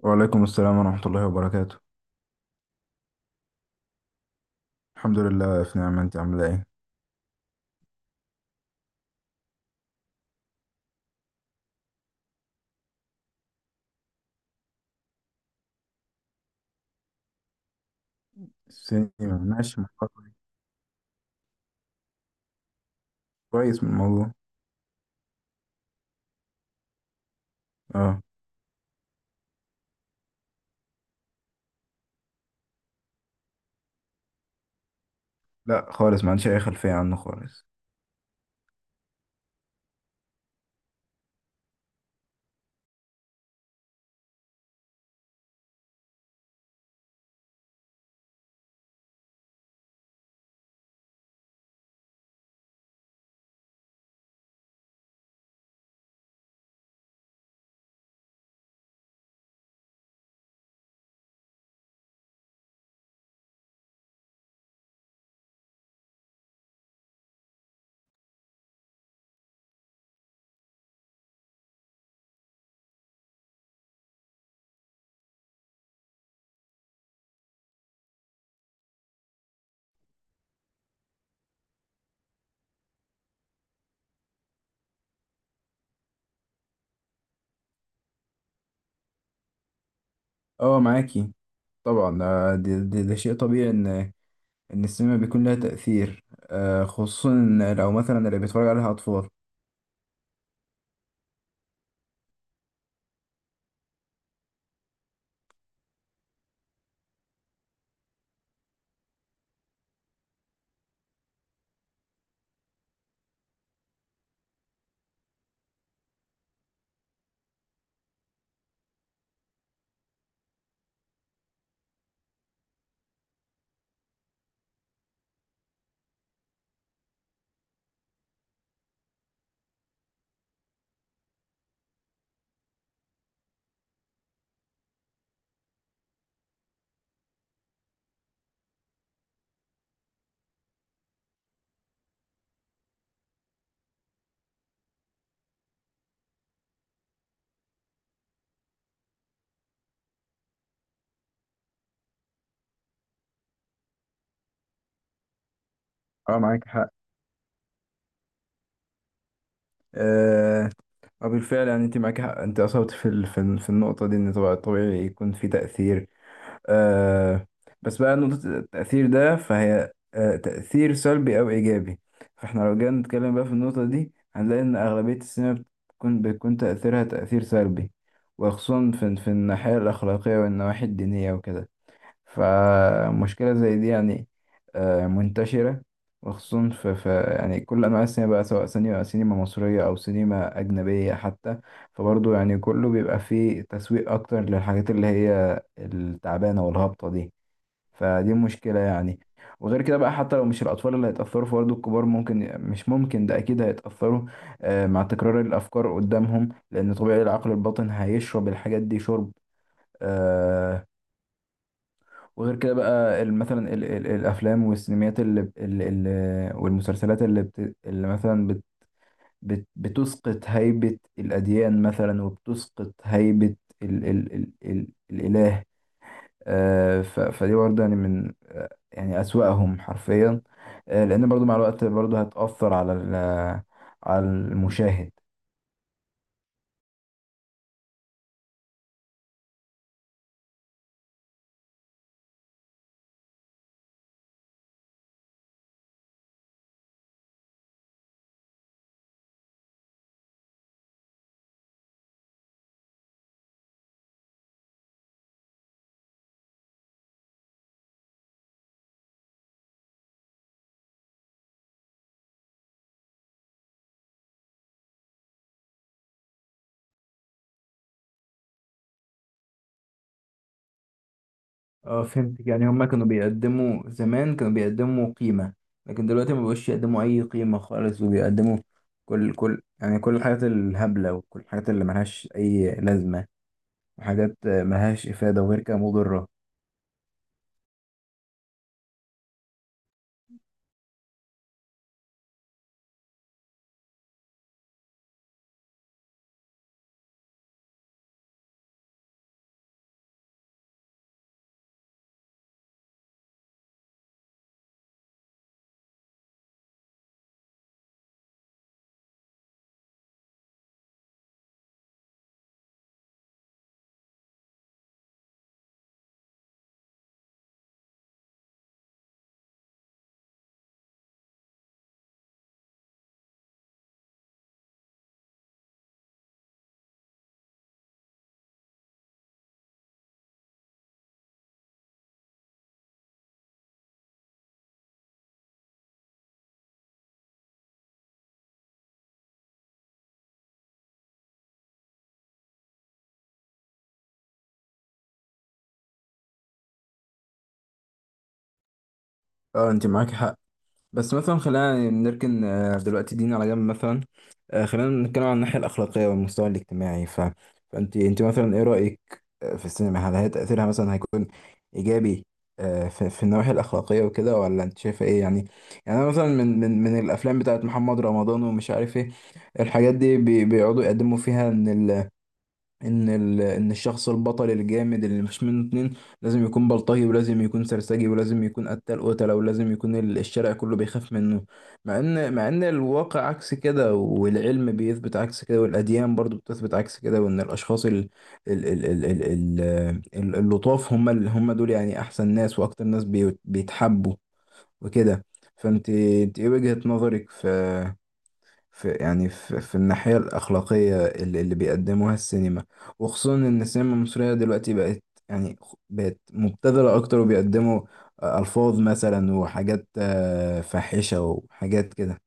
وعليكم السلام ورحمة الله وبركاته. الحمد لله في نعمة. انت عاملة ايه؟ السنين ماشي مخطط كويس من الموضوع. اه. لا خالص، ما عنديش اي خلفية عنه خالص. اه معاكي. طبعا ده شيء طبيعي ان السينما بيكون لها تأثير. خصوصا إن لو مثلا اللي بيتفرج عليها اطفال. اه معاك حق. آه بالفعل، يعني انت معاك حق، انت اصبت في في النقطة دي، ان طبعا طبيعي يكون في تأثير. آه بس بقى نقطة التأثير ده، فهي تأثير سلبي أو إيجابي. فاحنا لو جينا نتكلم بقى في النقطة دي هنلاقي إن أغلبية السينما بيكون تأثيرها تأثير سلبي، وخصوصا في الناحية الأخلاقية والنواحي الدينية وكده. فمشكلة زي دي يعني منتشرة، وخصوصا في يعني كل أنواع السينما بقى، سواء سينما مصرية أو سينما أجنبية حتى. فبرضه يعني كله بيبقى فيه تسويق أكتر للحاجات اللي هي التعبانة والهابطة دي. فدي مشكلة يعني. وغير كده بقى، حتى لو مش الأطفال اللي هيتأثروا فبرضه الكبار ممكن، مش ممكن، ده أكيد هيتأثروا مع تكرار الأفكار قدامهم، لأن طبيعي العقل الباطن هيشرب الحاجات دي شرب. آه، وغير كده بقى، مثلا ال الافلام والسينميات ال والمسلسلات اللي مثلا بت بت بتسقط هيبة الاديان، مثلا، وبتسقط هيبة ال ال ال ال الاله آه ف فدي برضه يعني من يعني اسوأهم حرفيا. لان برضه مع الوقت برضه هتأثر على على المشاهد. اه فهمتك. يعني هما كانوا بيقدموا زمان، كانوا بيقدموا قيمة، لكن دلوقتي ما بقوش يقدموا أي قيمة خالص، وبيقدموا كل يعني كل الحاجات الهبلة وكل الحاجات اللي ملهاش أي لازمة وحاجات ملهاش إفادة، وغير كده مضرة. اه انت معاك حق. بس مثلا خلينا نركن دلوقتي دين على جنب مثلا. خلينا نتكلم عن الناحية الأخلاقية والمستوى الاجتماعي. ف... فأنت مثلا إيه رأيك في السينما؟ هل هي تأثيرها مثلا هيكون إيجابي في النواحي الأخلاقية وكده، ولا أنت شايفة إيه يعني؟ يعني أنا مثلا من الأفلام بتاعت محمد رمضان، ومش عارف إيه، الحاجات دي بيقعدوا يقدموا فيها إن ان الشخص البطل الجامد اللي مش منه اتنين، لازم يكون بلطجي، ولازم يكون سرسجي، ولازم يكون قتال قتله، ولازم يكون الشارع كله بيخاف منه. مع ان الواقع عكس كده، والعلم بيثبت عكس كده، والاديان برضو بتثبت عكس كده، وان الاشخاص ال... ال... ال... ال... اللطاف، هم هم دول يعني احسن ناس واكتر ناس بيتحبوا وكده. فانت ايه وجهة نظرك في يعني في الناحية الأخلاقية اللي بيقدموها السينما، وخصوصا إن السينما المصرية دلوقتي بقت، يعني بقت مبتذلة أكتر، وبيقدموا ألفاظ مثلا وحاجات فاحشة وحاجات كده.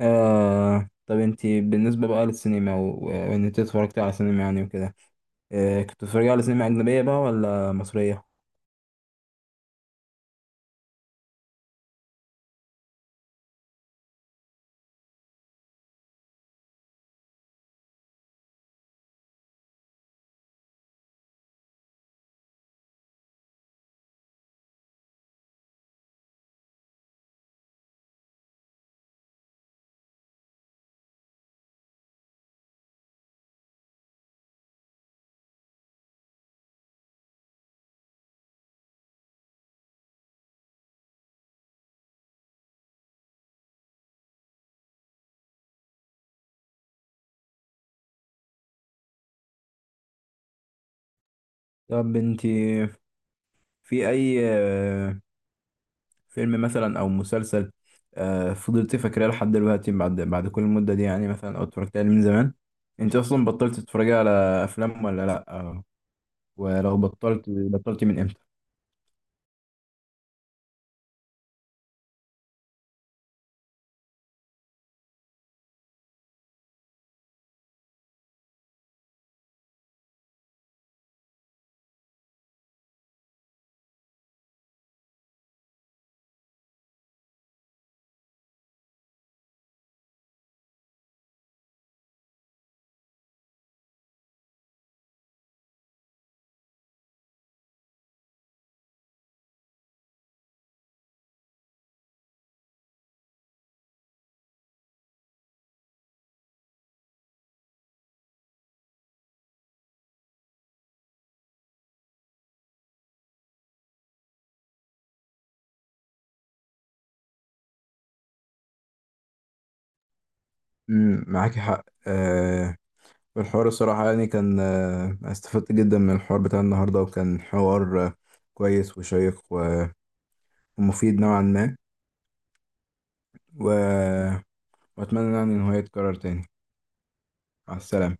طب انتي بالنسبة بقى للسينما، وإن انت اتفرجت على سينما يعني وكده، كنت بتتفرجي على سينما أجنبية بقى ولا مصرية؟ طب انتي في أي فيلم مثلا او مسلسل فضلت فاكراه لحد دلوقتي، بعد كل المدة دي، يعني مثلا او اتفرجت عليه من زمان؟ انت اصلا بطلت تتفرجي على افلام ولا لا ولو بطلت، بطلتي من امتى؟ معاكي حق. الحوار الصراحة يعني كان استفدت جدا من الحوار بتاع النهاردة، وكان حوار كويس وشيق ومفيد نوعا ما و... وأتمنى يعني إن هو يتكرر تاني. مع السلامة.